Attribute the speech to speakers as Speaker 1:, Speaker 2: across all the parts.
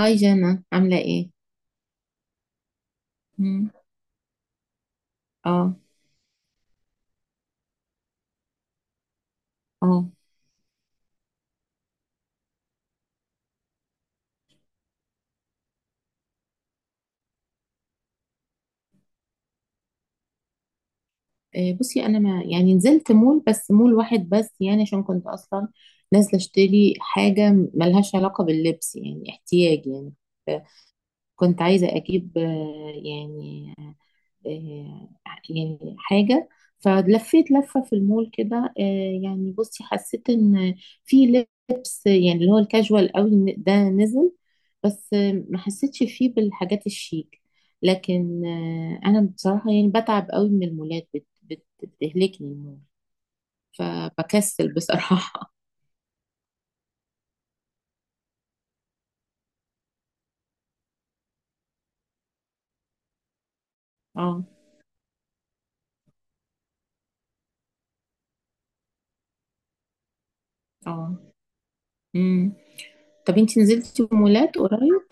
Speaker 1: هاي جانا عاملة ايه؟ مم. اه اه إيه، بصي انا ما يعني نزلت مول، بس مول واحد بس، يعني عشان كنت اصلا نازلة اشتري حاجة ملهاش علاقة باللبس، يعني احتياج يعني. ف- كنت عايزة اجيب يعني آه، يعني حاجة. فلفيت لفة في المول كده، يعني بصي حسيت ان في لبس يعني اللي هو الكاجوال قوي ده نزل. بس ما حسيتش فيه بالحاجات الشيك، لكن انا بصراحة يعني بتعب قوي من المولات، بتهلكني المول فبكسل بصراحة. اه اه امم. طب انتي نزلتي مولات قريب؟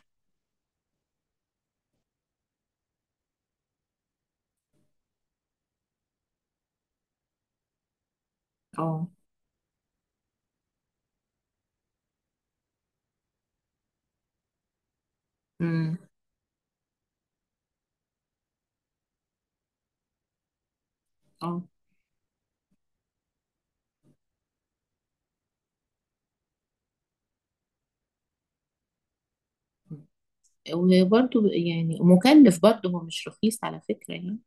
Speaker 1: اه امم اه. وبرضو يعني مكلف، برضو هو مش رخيص على فكرة يعني،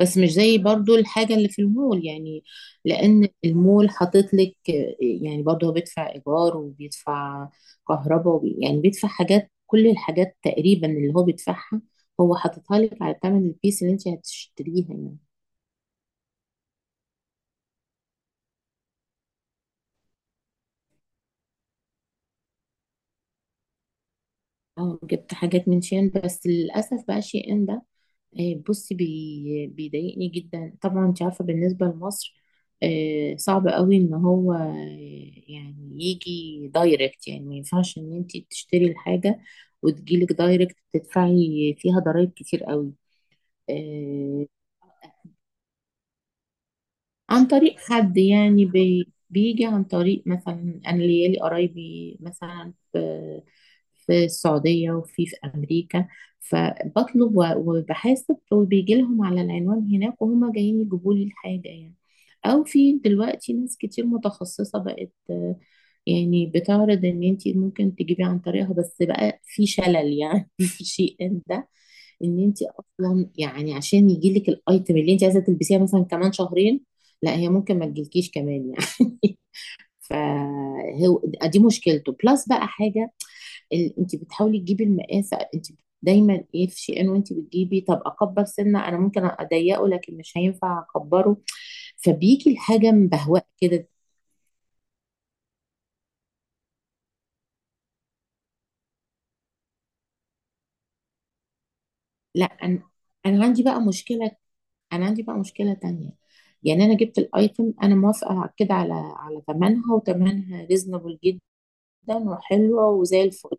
Speaker 1: بس مش زي برضو الحاجة اللي في المول يعني. لأن المول حاطط لك يعني، برضو هو بيدفع إيجار وبيدفع كهرباء يعني بيدفع حاجات، كل الحاجات تقريبا اللي هو بيدفعها هو حاططها لك على ثمن البيس اللي انت هتشتريها يعني. اه جبت حاجات من شين، بس للأسف بقى شي ان ده بصي بيضايقني جدا. طبعا انت عارفه بالنسبه لمصر صعب قوي ان هو، يعني يجي دايركت، يعني ما ينفعش ان انت تشتري الحاجه وتجيلك دايركت، تدفعي فيها ضرائب كتير قوي. عن طريق حد يعني بيجي عن طريق مثلا، انا ليالي قرايبي مثلا في في السعودية وفي في أمريكا، فبطلب وبحاسب وبيجي لهم على العنوان هناك وهما جايين يجيبوا لي الحاجة يعني. أو في دلوقتي ناس كتير متخصصة بقت، يعني بتعرض إن أنت ممكن تجيبي عن طريقها، بس بقى في شلل يعني. في شيء ان ده إن أنت أصلا يعني عشان يجيلك الأيتم اللي أنت عايزة تلبسيها مثلا كمان شهرين، لا هي ممكن ما تجيلكيش كمان يعني. فهو دي مشكلته. بلس بقى حاجه، انت بتحاولي تجيبي المقاس، انت دايما ايه في شيئين وانت بتجيبي، طب اكبر سنه انا ممكن اضيقه لكن مش هينفع اكبره، فبيجي الحاجه مبهوأ كده. لا انا، انا عندي بقى مشكله انا عندي بقى مشكله تانية. يعني انا جبت الايتم، انا موافقه كده على على ثمنها، وثمنها ريزنبل جدا وحلوه وزي الفل.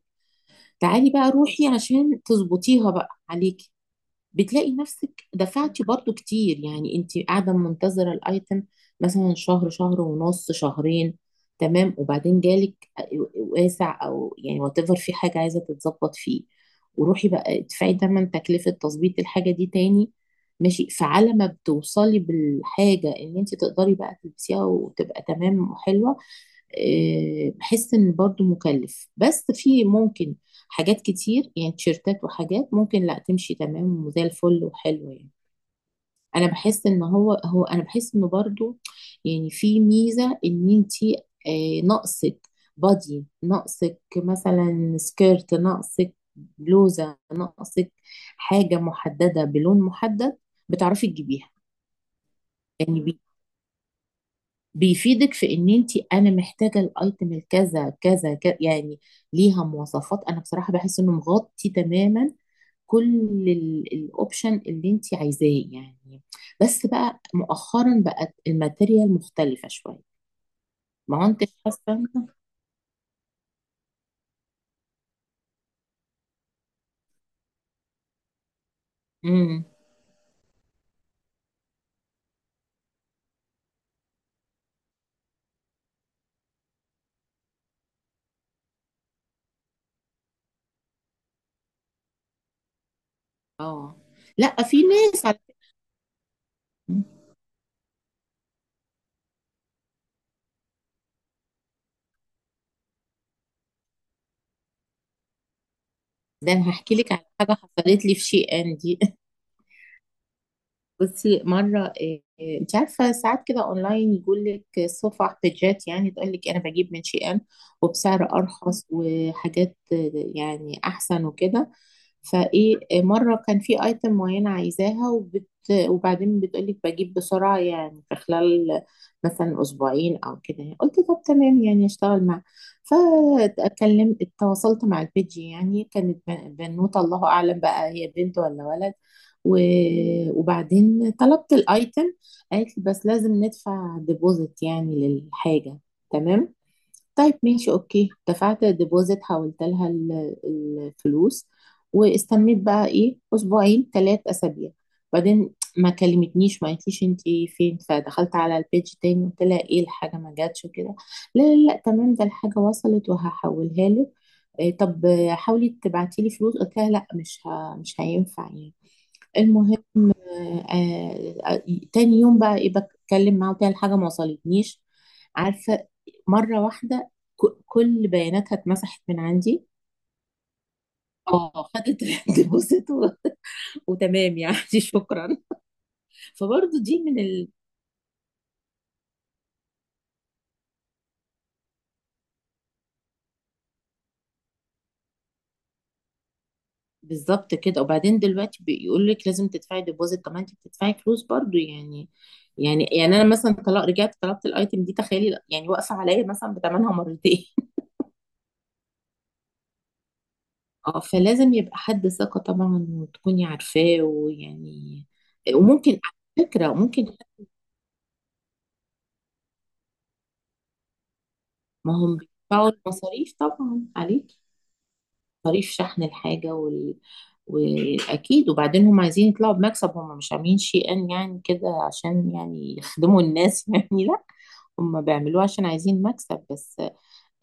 Speaker 1: تعالي بقى روحي عشان تظبطيها بقى عليكي، بتلاقي نفسك دفعتي برضو كتير يعني. انت قاعدة منتظرة الايتم مثلا شهر، شهر ونص، شهرين، تمام، وبعدين جالك واسع او يعني whatever، في حاجة عايزة تتظبط فيه. وروحي بقى ادفعي تمن تكلفة تظبيط الحاجة دي تاني. ماشي، فعلى ما بتوصلي بالحاجة ان انت تقدري بقى تلبسيها وتبقى تمام وحلوة، بحس ان برضو مكلف. بس في ممكن حاجات كتير يعني، تيشيرتات وحاجات ممكن لا تمشي تمام وزي الفل وحلوه يعني. انا بحس ان هو انا بحس انه برضو يعني في ميزه ان انتي، ناقصك بادي، ناقصك مثلا سكيرت، ناقصك بلوزه، ناقصك حاجه محدده بلون محدد، بتعرفي تجيبيها. يعني بيفيدك في ان انت، انا محتاجه الايتم الكذا كذا كذا يعني، ليها مواصفات. انا بصراحه بحس انه مغطي تماما كل الاوبشن اللي انت عايزاه يعني. بس بقى مؤخرا بقت الماتيريال مختلفه شويه. ما هو انت حاسه انت. امم اه. لا في ناس على فكرة- ده انا هحكي لك على حاجه حصلت لي في شي ان دي. بصي مرة إيه، إيه، انت عارفة ساعات كده اونلاين يقول لك صفح بيجات، يعني تقول لك انا بجيب من شي ان وبسعر ارخص وحاجات يعني احسن وكده. فايه مرة كان في ايتم معينة عايزاها وبعدين بتقولك بجيب بسرعة يعني في خلال مثلا اسبوعين او كده يعني. قلت طب تمام يعني، اشتغل مع، فاتكلم، اتواصلت مع البيجي يعني. كانت بنوتة الله اعلم بقى هي بنت ولا ولد، وبعدين طلبت الايتم. قالت لي بس لازم ندفع ديبوزيت يعني للحاجة. تمام، طيب ماشي، اوكي دفعت ديبوزيت، حولت لها الفلوس. واستنيت بقى ايه، اسبوعين، ثلاث اسابيع، بعدين ما كلمتنيش ما قالتليش انت فين. فدخلت على البيج تاني قلت لها ايه الحاجه ما جاتش وكده، لا لا لا تمام ده الحاجه وصلت وهحولها لك. إيه طب حاولي تبعتي لي فلوس، قلت لها لا مش هينفع يعني. المهم آه، آه، آه، تاني يوم بقى ايه بتكلم معاه وكده، الحاجة ما وصلتنيش. عارفة، مرة واحدة كل بياناتها اتمسحت من عندي. اه خدت الديبوزيت وتمام يعني. شكرا. فبرضه دي من ال. بالظبط كده. وبعدين دلوقتي بيقول لك لازم تدفعي ديبوزيت، طب ما انت بتدفعي فلوس برضه يعني. يعني انا مثلا طلع رجعت طلبت الايتم دي، تخيلي يعني واقفه عليا مثلا بثمنها مرتين. اه فلازم يبقى حد ثقة طبعا وتكوني عارفاه ويعني. وممكن على فكرة ممكن، ما هم بيدفعوا المصاريف طبعا عليك، مصاريف شحن الحاجة وأكيد. وبعدين هم عايزين يطلعوا بمكسب، هم مش عاملين شيئا يعني كده عشان يعني يخدموا الناس. يعني لا، هم بيعملوه عشان عايزين مكسب بس.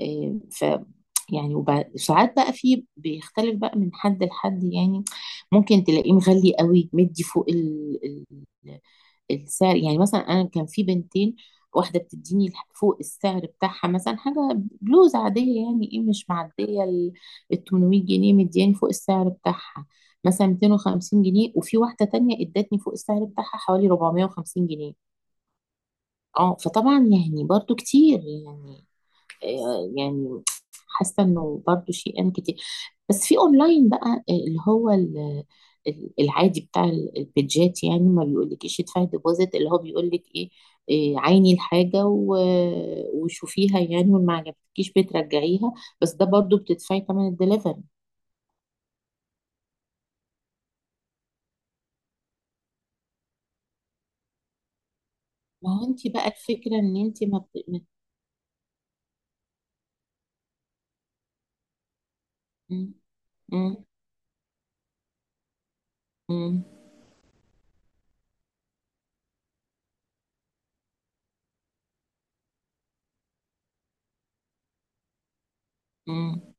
Speaker 1: آه، ف يعني وساعات بقى في بيختلف بقى من حد لحد يعني. ممكن تلاقيه مغلي قوي، مدي فوق ال... السعر يعني. مثلا انا كان في بنتين، واحده بتديني فوق السعر بتاعها مثلا حاجه بلوز عاديه يعني، ايه مش معديه ال 800 جنيه، مدياني فوق السعر بتاعها مثلا 250 جنيه. وفي واحده تانية ادتني فوق السعر بتاعها حوالي 450 جنيه. اه فطبعا يعني برضو كتير يعني، يعني حاسه انه برضو شيئا كتير. بس في اونلاين بقى، اللي هو العادي بتاع البيدجات يعني، ما بيقولكيش ادفعي ديبوزيت، اللي هو بيقولك ايه عيني الحاجة وشوفيها يعني، وما عجبتكيش بترجعيها. بس ده برضو بتدفعي تمن الدليفري. ما هو انت بقى الفكرة ان انت ما بت... ما- م- م- م- م-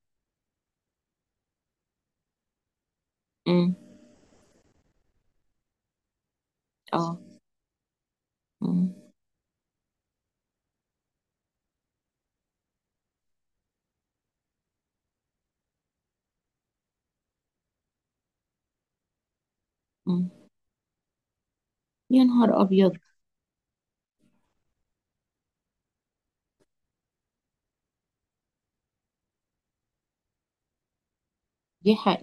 Speaker 1: م- اه م- م. يا نهار ابيض. دي حق.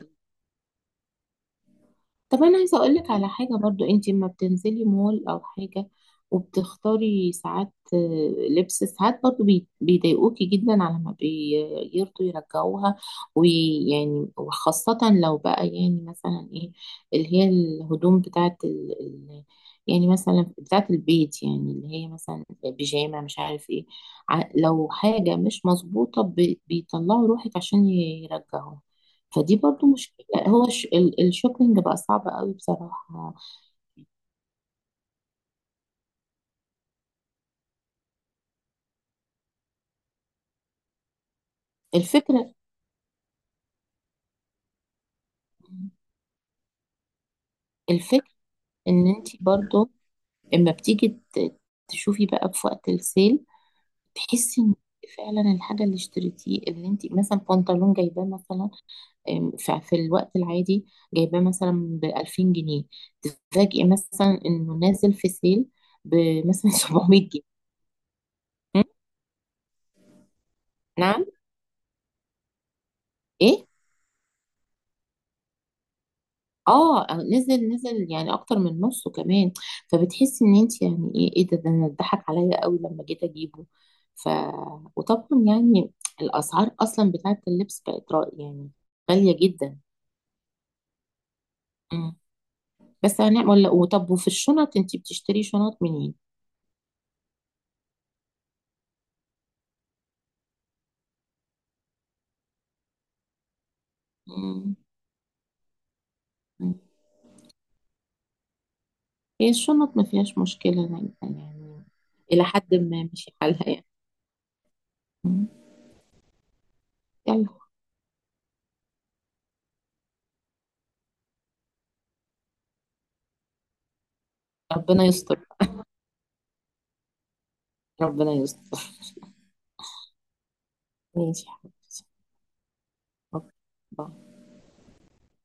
Speaker 1: طب انا عايزه اقولك على حاجه، برضو انت لما بتنزلي مول او حاجه وبتختاري ساعات لبس، ساعات برضو بيضايقوكي جدا على ما بيرضوا يرجعوها ويعني. وخاصه لو بقى يعني مثلا ايه اللي هي الهدوم بتاعت يعني مثلا بتاعت البيت يعني، اللي هي مثلا بيجامه مش عارف ايه، لو حاجه مش مظبوطه بيطلعوا روحك عشان يرجعوها. فدي برضو مشكلة. هو الشوبينج بقى صعب قوي بصراحة. الفكرة الفكرة ان انت برضو اما بتيجي ت- تشوفي بقى في وقت السيل، تحسي ان فعلا الحاجة اللي اشتريتيه، اللي انت مثلا بنطلون جايباه مثلا في الوقت العادي جايباه مثلا ب 2000 جنيه، تتفاجئي مثلا انه نازل في سيل بمثلا 700 جنيه. م? نعم. ايه. اه نزل يعني اكتر من نصه كمان. فبتحسي ان انت يعني ايه ايه، ده انا اتضحك عليا قوي لما جيت اجيبه. ف وطبعا يعني الاسعار اصلا بتاعت اللبس بقت رأي يعني غالية جدا. مم. بس هنعمل، وطب وفي الشنط انت بتشتري شنط منين؟ مم. مم. هي الشنط ما فيهاش مشكلة يعني يعني، الى حد ما ماشي حالها يعني. مم. يلا، ربنا يستر، ربنا يستر. ماشي يا حبيبتي. أوكي.